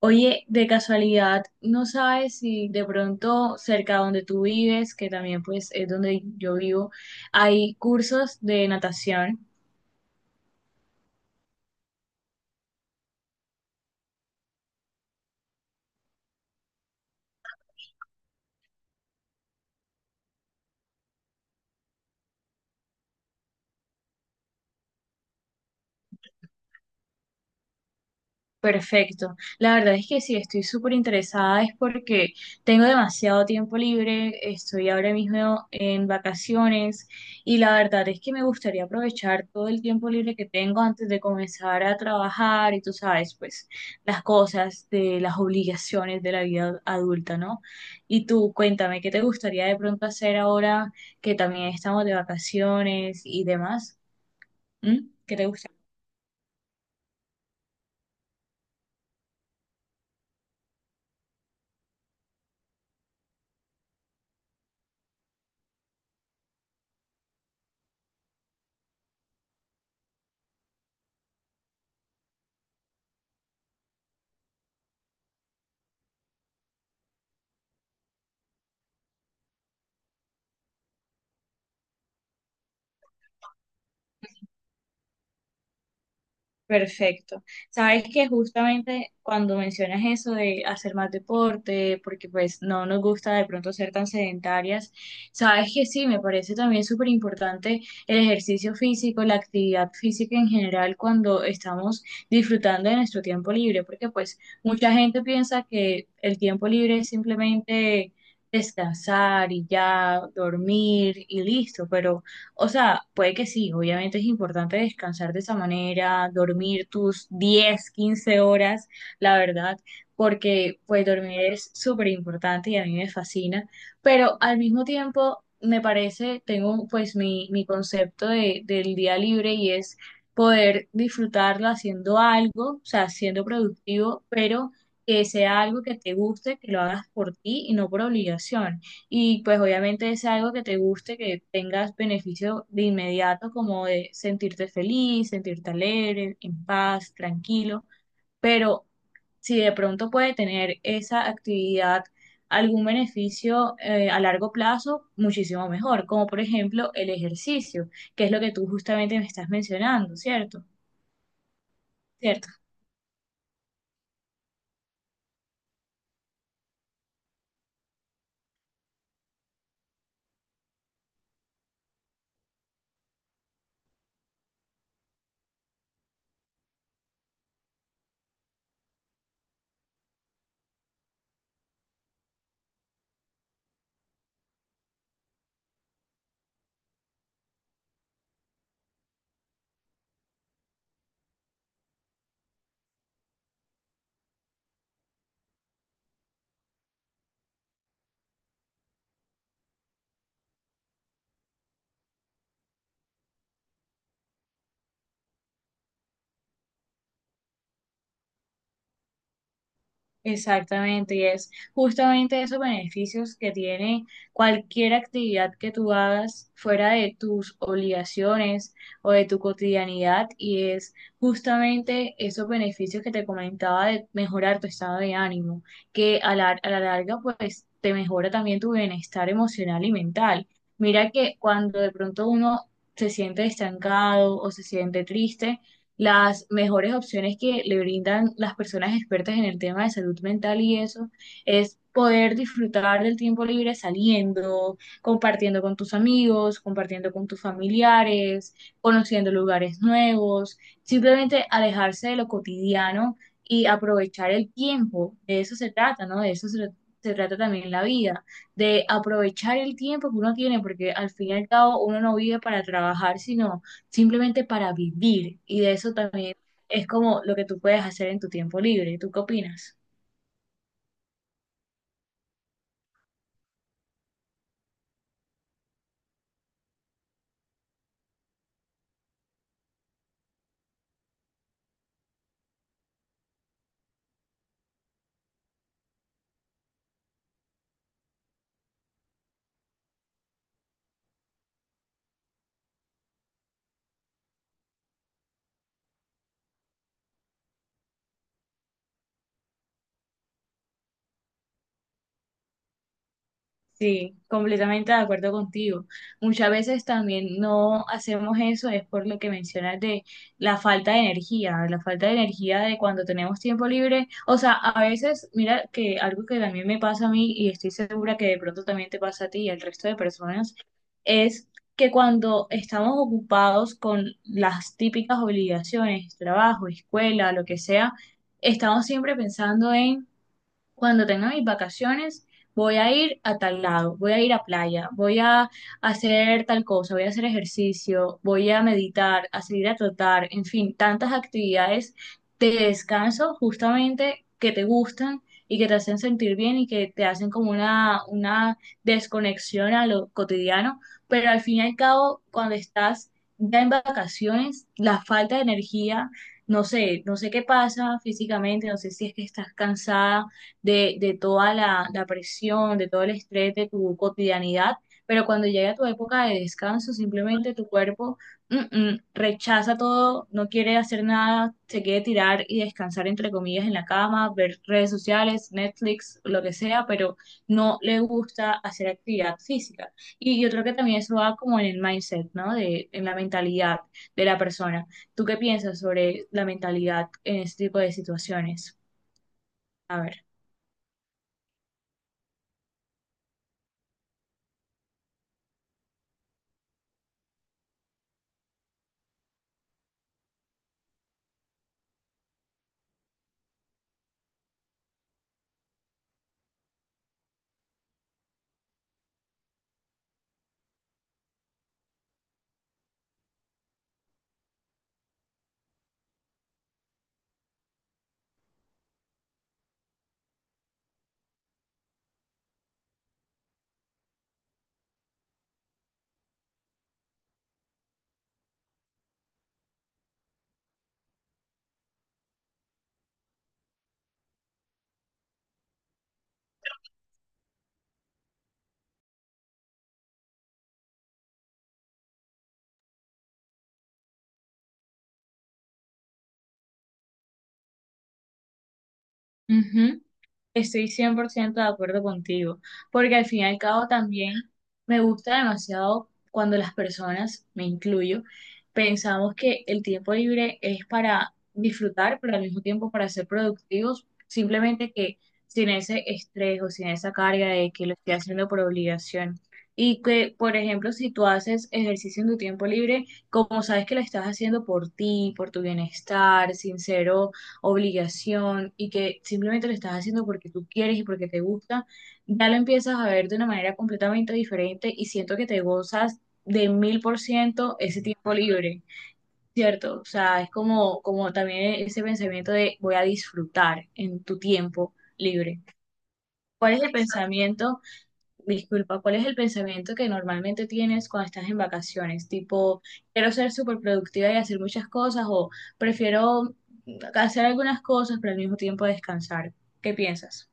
Oye, de casualidad, ¿no sabes si de pronto cerca donde tú vives, que también pues es donde yo vivo, hay cursos de natación? Perfecto. La verdad es que sí, estoy súper interesada, es porque tengo demasiado tiempo libre, estoy ahora mismo en vacaciones y la verdad es que me gustaría aprovechar todo el tiempo libre que tengo antes de comenzar a trabajar y tú sabes, pues las cosas de las obligaciones de la vida adulta, ¿no? Y tú, cuéntame, ¿qué te gustaría de pronto hacer ahora que también estamos de vacaciones y demás? ¿Mm? ¿Qué te gustaría? Perfecto. Sabes que justamente cuando mencionas eso de hacer más deporte, porque pues no nos gusta de pronto ser tan sedentarias, sabes que sí, me parece también súper importante el ejercicio físico, la actividad física en general cuando estamos disfrutando de nuestro tiempo libre, porque pues mucha gente piensa que el tiempo libre es simplemente descansar y ya dormir y listo, pero o sea, puede que sí, obviamente es importante descansar de esa manera, dormir tus 10, 15 horas, la verdad, porque pues dormir es súper importante y a mí me fascina, pero al mismo tiempo me parece, tengo pues mi concepto de, del día libre y es poder disfrutarlo haciendo algo, o sea, siendo productivo, pero que sea algo que te guste, que lo hagas por ti y no por obligación. Y pues obviamente es algo que te guste, que tengas beneficio de inmediato, como de sentirte feliz, sentirte alegre, en paz, tranquilo. Pero si de pronto puede tener esa actividad algún beneficio a largo plazo, muchísimo mejor, como por ejemplo el ejercicio, que es lo que tú justamente me estás mencionando, ¿cierto? ¿Cierto? Exactamente, y es justamente esos beneficios que tiene cualquier actividad que tú hagas fuera de tus obligaciones o de tu cotidianidad, y es justamente esos beneficios que te comentaba de mejorar tu estado de ánimo, que a la larga pues te mejora también tu bienestar emocional y mental. Mira que cuando de pronto uno se siente estancado o se siente triste, las mejores opciones que le brindan las personas expertas en el tema de salud mental y eso es poder disfrutar del tiempo libre saliendo, compartiendo con tus amigos, compartiendo con tus familiares, conociendo lugares nuevos, simplemente alejarse de lo cotidiano y aprovechar el tiempo. De eso se trata, ¿no? De eso se trata también la vida, de aprovechar el tiempo que uno tiene, porque al fin y al cabo uno no vive para trabajar, sino simplemente para vivir. Y de eso también es como lo que tú puedes hacer en tu tiempo libre. ¿Tú qué opinas? Sí, completamente de acuerdo contigo. Muchas veces también no hacemos eso, es por lo que mencionas de la falta de energía, la falta de energía de cuando tenemos tiempo libre. O sea, a veces, mira que algo que también me pasa a mí y estoy segura que de pronto también te pasa a ti y al resto de personas, es que cuando estamos ocupados con las típicas obligaciones, trabajo, escuela, lo que sea, estamos siempre pensando en cuando tenga mis vacaciones, voy a ir a tal lado, voy a ir a playa, voy a hacer tal cosa, voy a hacer ejercicio, voy a meditar, a salir a trotar, en fin, tantas actividades de descanso justamente que te gustan y que te hacen sentir bien y que te hacen como una desconexión a lo cotidiano, pero al fin y al cabo, cuando estás ya en vacaciones, la falta de energía. No sé, no sé qué pasa físicamente, no sé si es que estás cansada, de toda la presión, de todo el estrés de tu cotidianidad, pero cuando llega tu época de descanso, simplemente tu cuerpo rechaza todo, no quiere hacer nada, se quiere tirar y descansar, entre comillas, en la cama, ver redes sociales, Netflix, lo que sea, pero no le gusta hacer actividad física. Y yo creo que también eso va como en el mindset, ¿no? En la mentalidad de la persona. ¿Tú qué piensas sobre la mentalidad en este tipo de situaciones? A ver. Estoy 100% de acuerdo contigo, porque al fin y al cabo también me gusta demasiado cuando las personas, me incluyo, pensamos que el tiempo libre es para disfrutar, pero al mismo tiempo para ser productivos, simplemente que sin ese estrés o sin esa carga de que lo estoy haciendo por obligación. Y que, por ejemplo, si tú haces ejercicio en tu tiempo libre, como sabes que lo estás haciendo por ti, por tu bienestar, sincero obligación y que simplemente lo estás haciendo porque tú quieres y porque te gusta, ya lo empiezas a ver de una manera completamente diferente y siento que te gozas de 1000% ese tiempo libre, ¿cierto? O sea, es como, también ese pensamiento de voy a disfrutar en tu tiempo libre. ¿Cuál es el pensamiento Disculpa, ¿cuál es el pensamiento que normalmente tienes cuando estás en vacaciones? Tipo, quiero ser súper productiva y hacer muchas cosas o prefiero hacer algunas cosas pero al mismo tiempo descansar. ¿Qué piensas?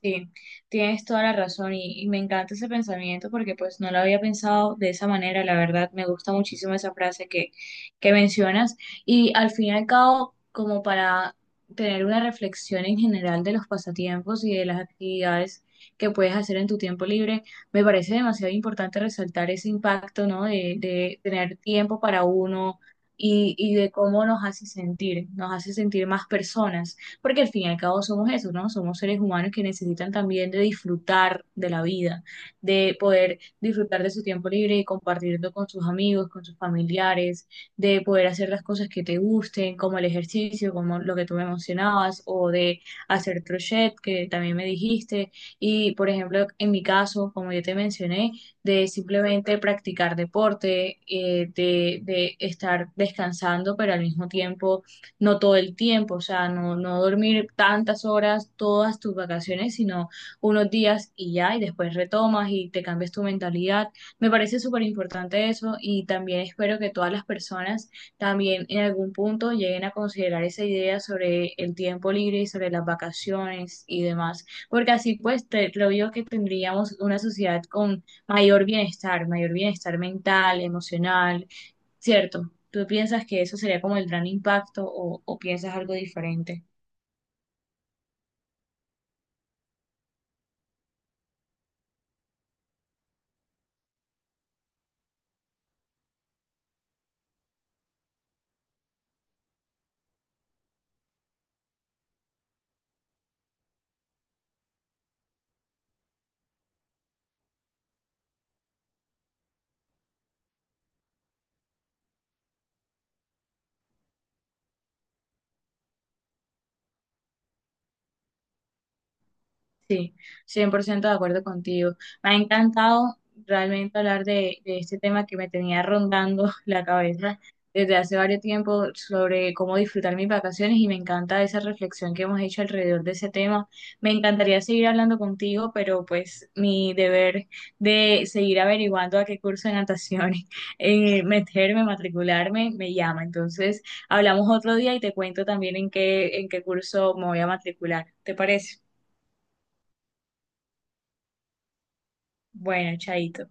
Sí, tienes toda la razón y me encanta ese pensamiento porque pues no lo había pensado de esa manera, la verdad, me gusta muchísimo esa frase que mencionas y al fin y al cabo, como para tener una reflexión en general de los pasatiempos y de las actividades que puedes hacer en tu tiempo libre, me parece demasiado importante resaltar ese impacto, ¿no? De tener tiempo para uno y de cómo nos hace sentir más personas porque al fin y al cabo somos eso, ¿no? Somos seres humanos que necesitan también de disfrutar de la vida, de poder disfrutar de su tiempo libre y compartirlo con sus amigos, con sus familiares, de poder hacer las cosas que te gusten, como el ejercicio, como lo que tú me mencionabas, o de hacer crochet, que también me dijiste, y por ejemplo, en mi caso, como yo te mencioné, de simplemente practicar deporte, de estar descansando, pero al mismo tiempo no todo el tiempo, o sea, no, no dormir tantas horas todas tus vacaciones, sino unos días y ya, y después retomas y te cambias tu mentalidad. Me parece súper importante eso y también espero que todas las personas también en algún punto lleguen a considerar esa idea sobre el tiempo libre y sobre las vacaciones y demás, porque así pues creo yo que tendríamos una sociedad con mayor bienestar mental, emocional, ¿cierto? ¿Tú piensas que eso sería como el gran impacto o piensas algo diferente? Sí, 100% de acuerdo contigo. Me ha encantado realmente hablar de este tema que me tenía rondando la cabeza desde hace varios tiempo sobre cómo disfrutar mis vacaciones y me encanta esa reflexión que hemos hecho alrededor de ese tema. Me encantaría seguir hablando contigo, pero pues mi deber de seguir averiguando a qué curso de natación en meterme, matricularme, me llama. Entonces, hablamos otro día y te cuento también en qué curso me voy a matricular. ¿Te parece? Bueno, chaito.